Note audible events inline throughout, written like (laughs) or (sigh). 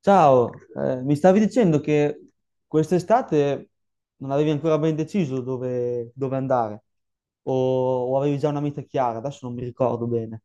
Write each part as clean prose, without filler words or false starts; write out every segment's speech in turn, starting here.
Ciao, mi stavi dicendo che quest'estate non avevi ancora ben deciso dove andare o, o avevi già una meta chiara, adesso non mi ricordo bene.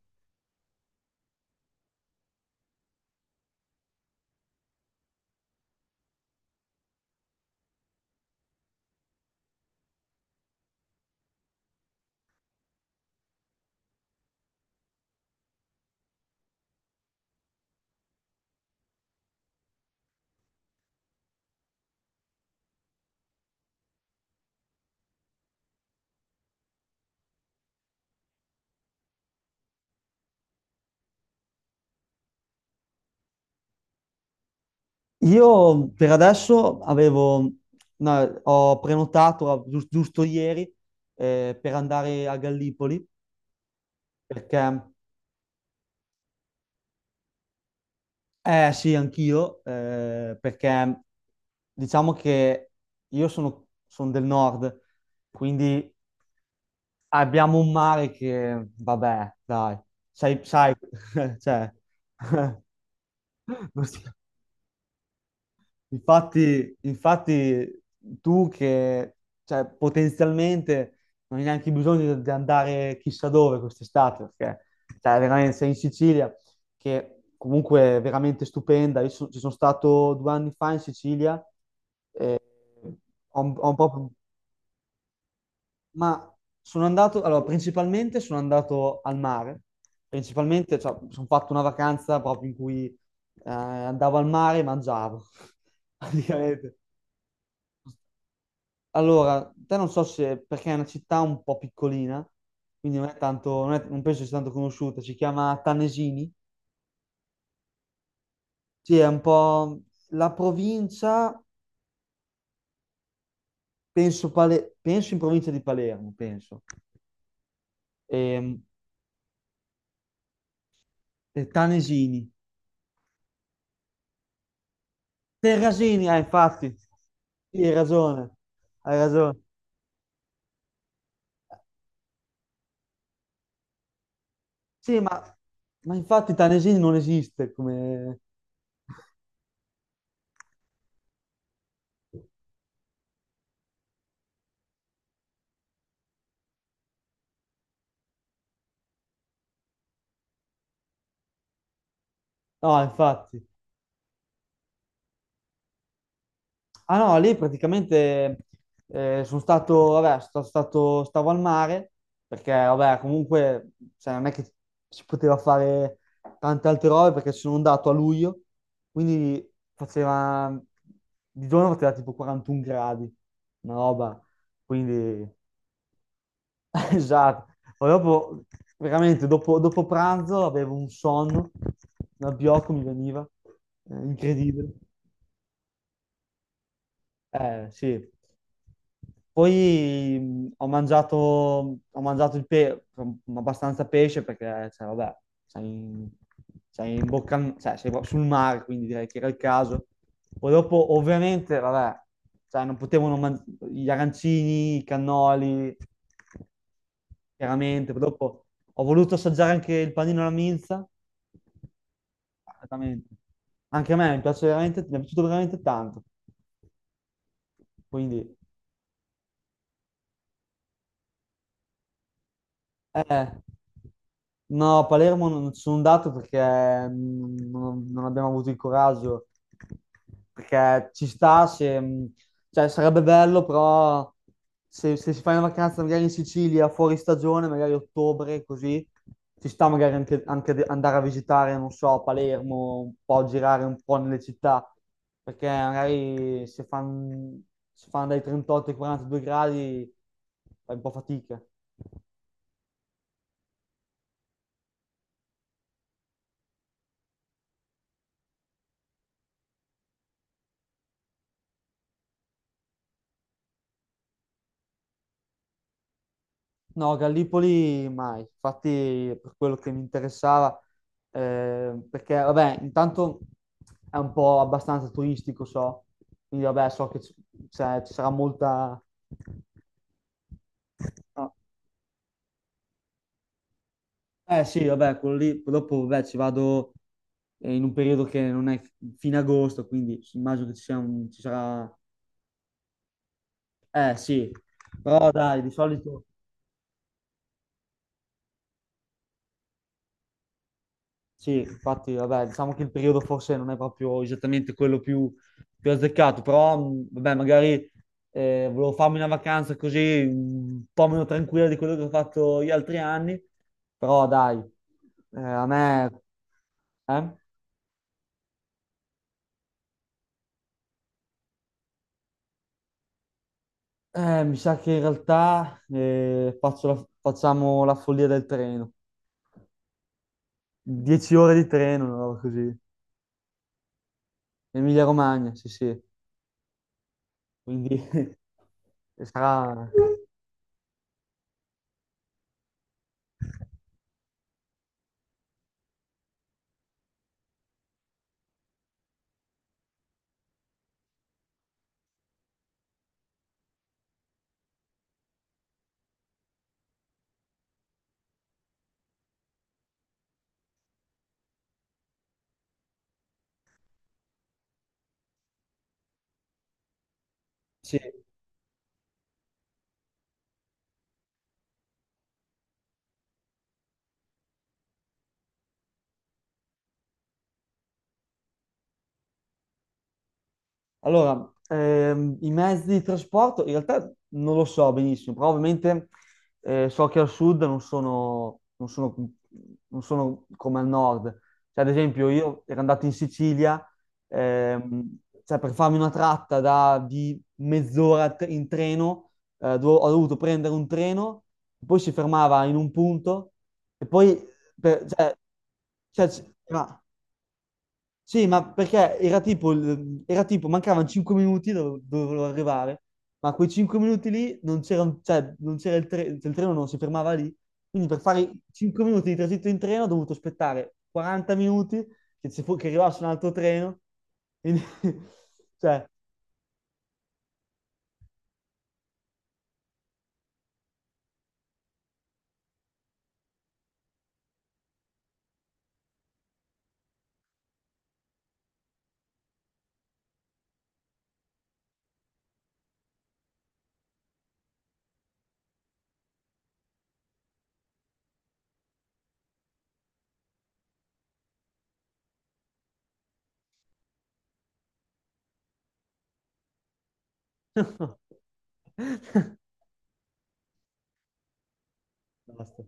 Io per adesso avevo, no, ho prenotato giusto, ieri per andare a Gallipoli perché, eh sì, anch'io, perché diciamo che io sono del nord, quindi abbiamo un mare che, vabbè, dai, sai, sai, (laughs) cioè, non si- infatti, infatti tu che, cioè, potenzialmente non hai neanche bisogno di andare chissà dove quest'estate, perché, cioè, veramente sei in Sicilia, che comunque è veramente stupenda. Ci sono stato 2 anni fa in Sicilia, e ho un po'. Ma sono andato, allora, principalmente sono andato al mare, principalmente, cioè, sono fatto una vacanza proprio in cui andavo al mare e mangiavo, (laughs) praticamente. Allora, te non so se, perché è una città un po' piccolina, quindi non è tanto, non, non penso sia tanto conosciuta, si chiama Tanesini, sì, è un po' la provincia, penso, penso in provincia di Palermo, penso, e, e Tanesini. Del Rasini, ah, infatti, sì, hai ragione, hai ragione. Sì, ma infatti Tanesini non esiste come... No, infatti. Ah no, lì praticamente sono stato, vabbè, sono stato, stavo al mare, perché vabbè, comunque cioè, non è che si poteva fare tante altre robe perché sono andato a luglio, quindi faceva, di giorno faceva tipo 41 gradi, una roba, quindi... (laughs) Esatto, poi dopo, veramente, dopo, pranzo avevo un sonno, un abbiocco mi veniva, incredibile. Sì. Poi ho mangiato, abbastanza pesce perché, cioè, vabbè, sei in, sei in bocca, cioè, sei proprio sul mare, quindi direi che era il caso. Poi dopo, ovviamente, vabbè, cioè, non potevano mangiare gli arancini, i cannoli, chiaramente. Poi dopo ho voluto assaggiare anche il panino alla minza, veramente. Anche a me mi piace veramente, mi è piaciuto veramente tanto. Quindi... Eh, no, a Palermo non ci sono andato perché non abbiamo avuto il coraggio. Perché ci sta, se, mm, cioè, sarebbe bello, però se si fa una vacanza magari in Sicilia, fuori stagione, magari ottobre, così, ci sta magari anche andare a visitare, non so, Palermo, un po' girare un po' nelle città. Perché magari se fan dai 38 ai 42 gradi fai un po' fatica. No, Gallipoli mai, infatti per quello che mi interessava, perché vabbè, intanto è un po' abbastanza turistico, so, quindi vabbè, so cioè, ci sarà molta... no. Eh sì, vabbè, quello lì, poi dopo vabbè, ci vado in un periodo che non è fine agosto, quindi immagino che ci sia un- ci sarà... Eh sì, però dai, di solito... Sì, infatti, vabbè, diciamo che il periodo forse non è proprio esattamente quello più, azzeccato, però, vabbè, magari volevo farmi una vacanza così un po' meno tranquilla di quello che ho fatto gli altri anni, però dai, a me, eh? Mi sa che in realtà facciamo la follia del treno, 10 ore di treno, una roba così. Emilia-Romagna, sì, sì, quindi (laughs) sarà... Sì. Allora, i mezzi di trasporto in realtà non lo so benissimo, però ovviamente so che al sud non sono come al nord. Cioè, ad esempio, io ero andato in Sicilia, ehm, cioè, per farmi di mezz'ora in treno, dove ho dovuto prendere un treno, poi si fermava in un punto e poi cioè, cioè, c- era- sì, ma perché era tipo, era tipo mancavano 5 minuti dove volevo arrivare, ma quei 5 minuti lì non c'era, cioè, non c'era il treno non si fermava lì, quindi per fare 5 minuti di tragitto in treno ho dovuto aspettare 40 minuti che arrivasse un altro treno, quindi, (laughs) cioè, (laughs) basta.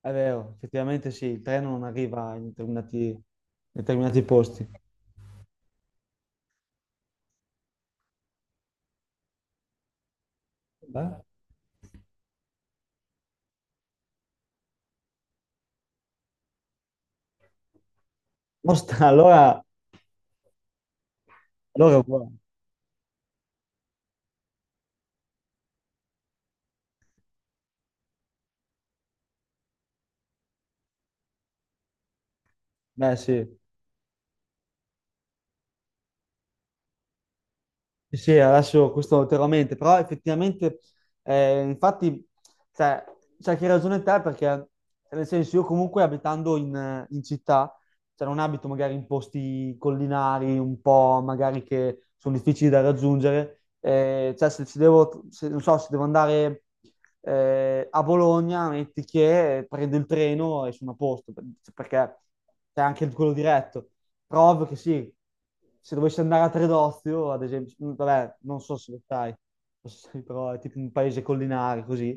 È vero, effettivamente sì, il treno non arriva in determinati posti. Beh, Mostra, allora, è buono. Beh sì. Sì, sì, adesso questo ulteriormente, però effettivamente, infatti, cioè, c'è che ragione te perché, nel senso, io comunque abitando in città, cioè non abito magari in posti collinari, un po' magari che sono difficili da raggiungere, cioè se ci devo, non so, se devo andare a Bologna, metti che prendo il treno e sono a posto, perché c'è anche quello diretto. Prov che sì, se dovessi andare a Tredozio, ad esempio, vabbè, non so se lo sai, lo sai, però è tipo un paese collinare così,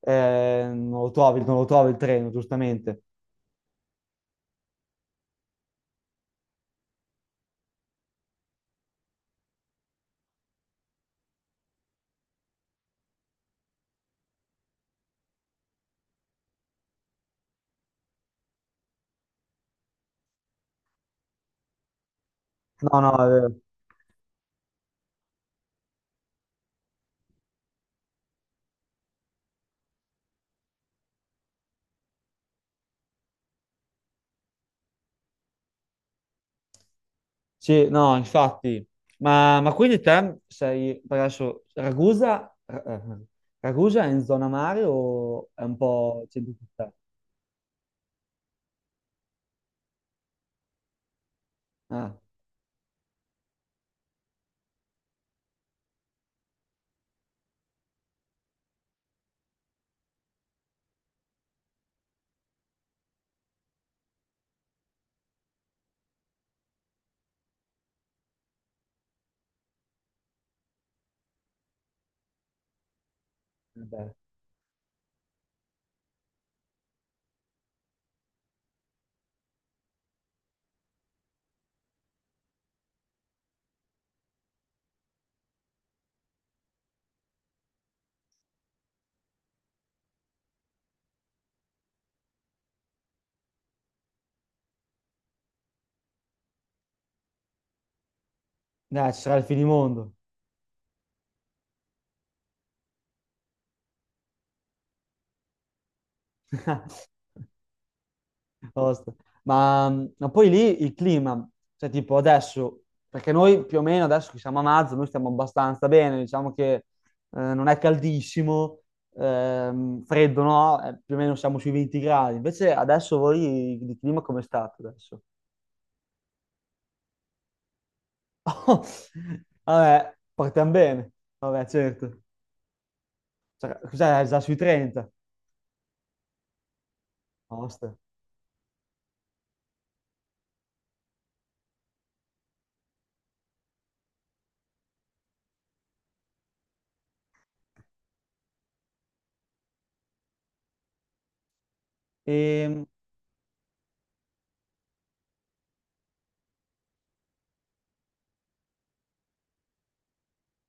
non lo trovi, non lo trovi il treno, giustamente. No, no, è vero. Sì, no, infatti. Ma quindi te sei, per adesso, Ragusa, Ragusa è in zona mare o è un po' centro città? Ah, vabbè. Dai, ci sarà il finimondo. (laughs) Posto. Ma poi lì il clima, cioè tipo adesso, perché noi più o meno adesso che siamo a marzo, noi stiamo abbastanza bene, diciamo che non è caldissimo, freddo no. Più o meno siamo sui 20 gradi, invece adesso voi di clima com'è stato adesso? (laughs) Vabbè, partiamo bene, vabbè certo, cioè, cos'è già sui 30? Posto. E,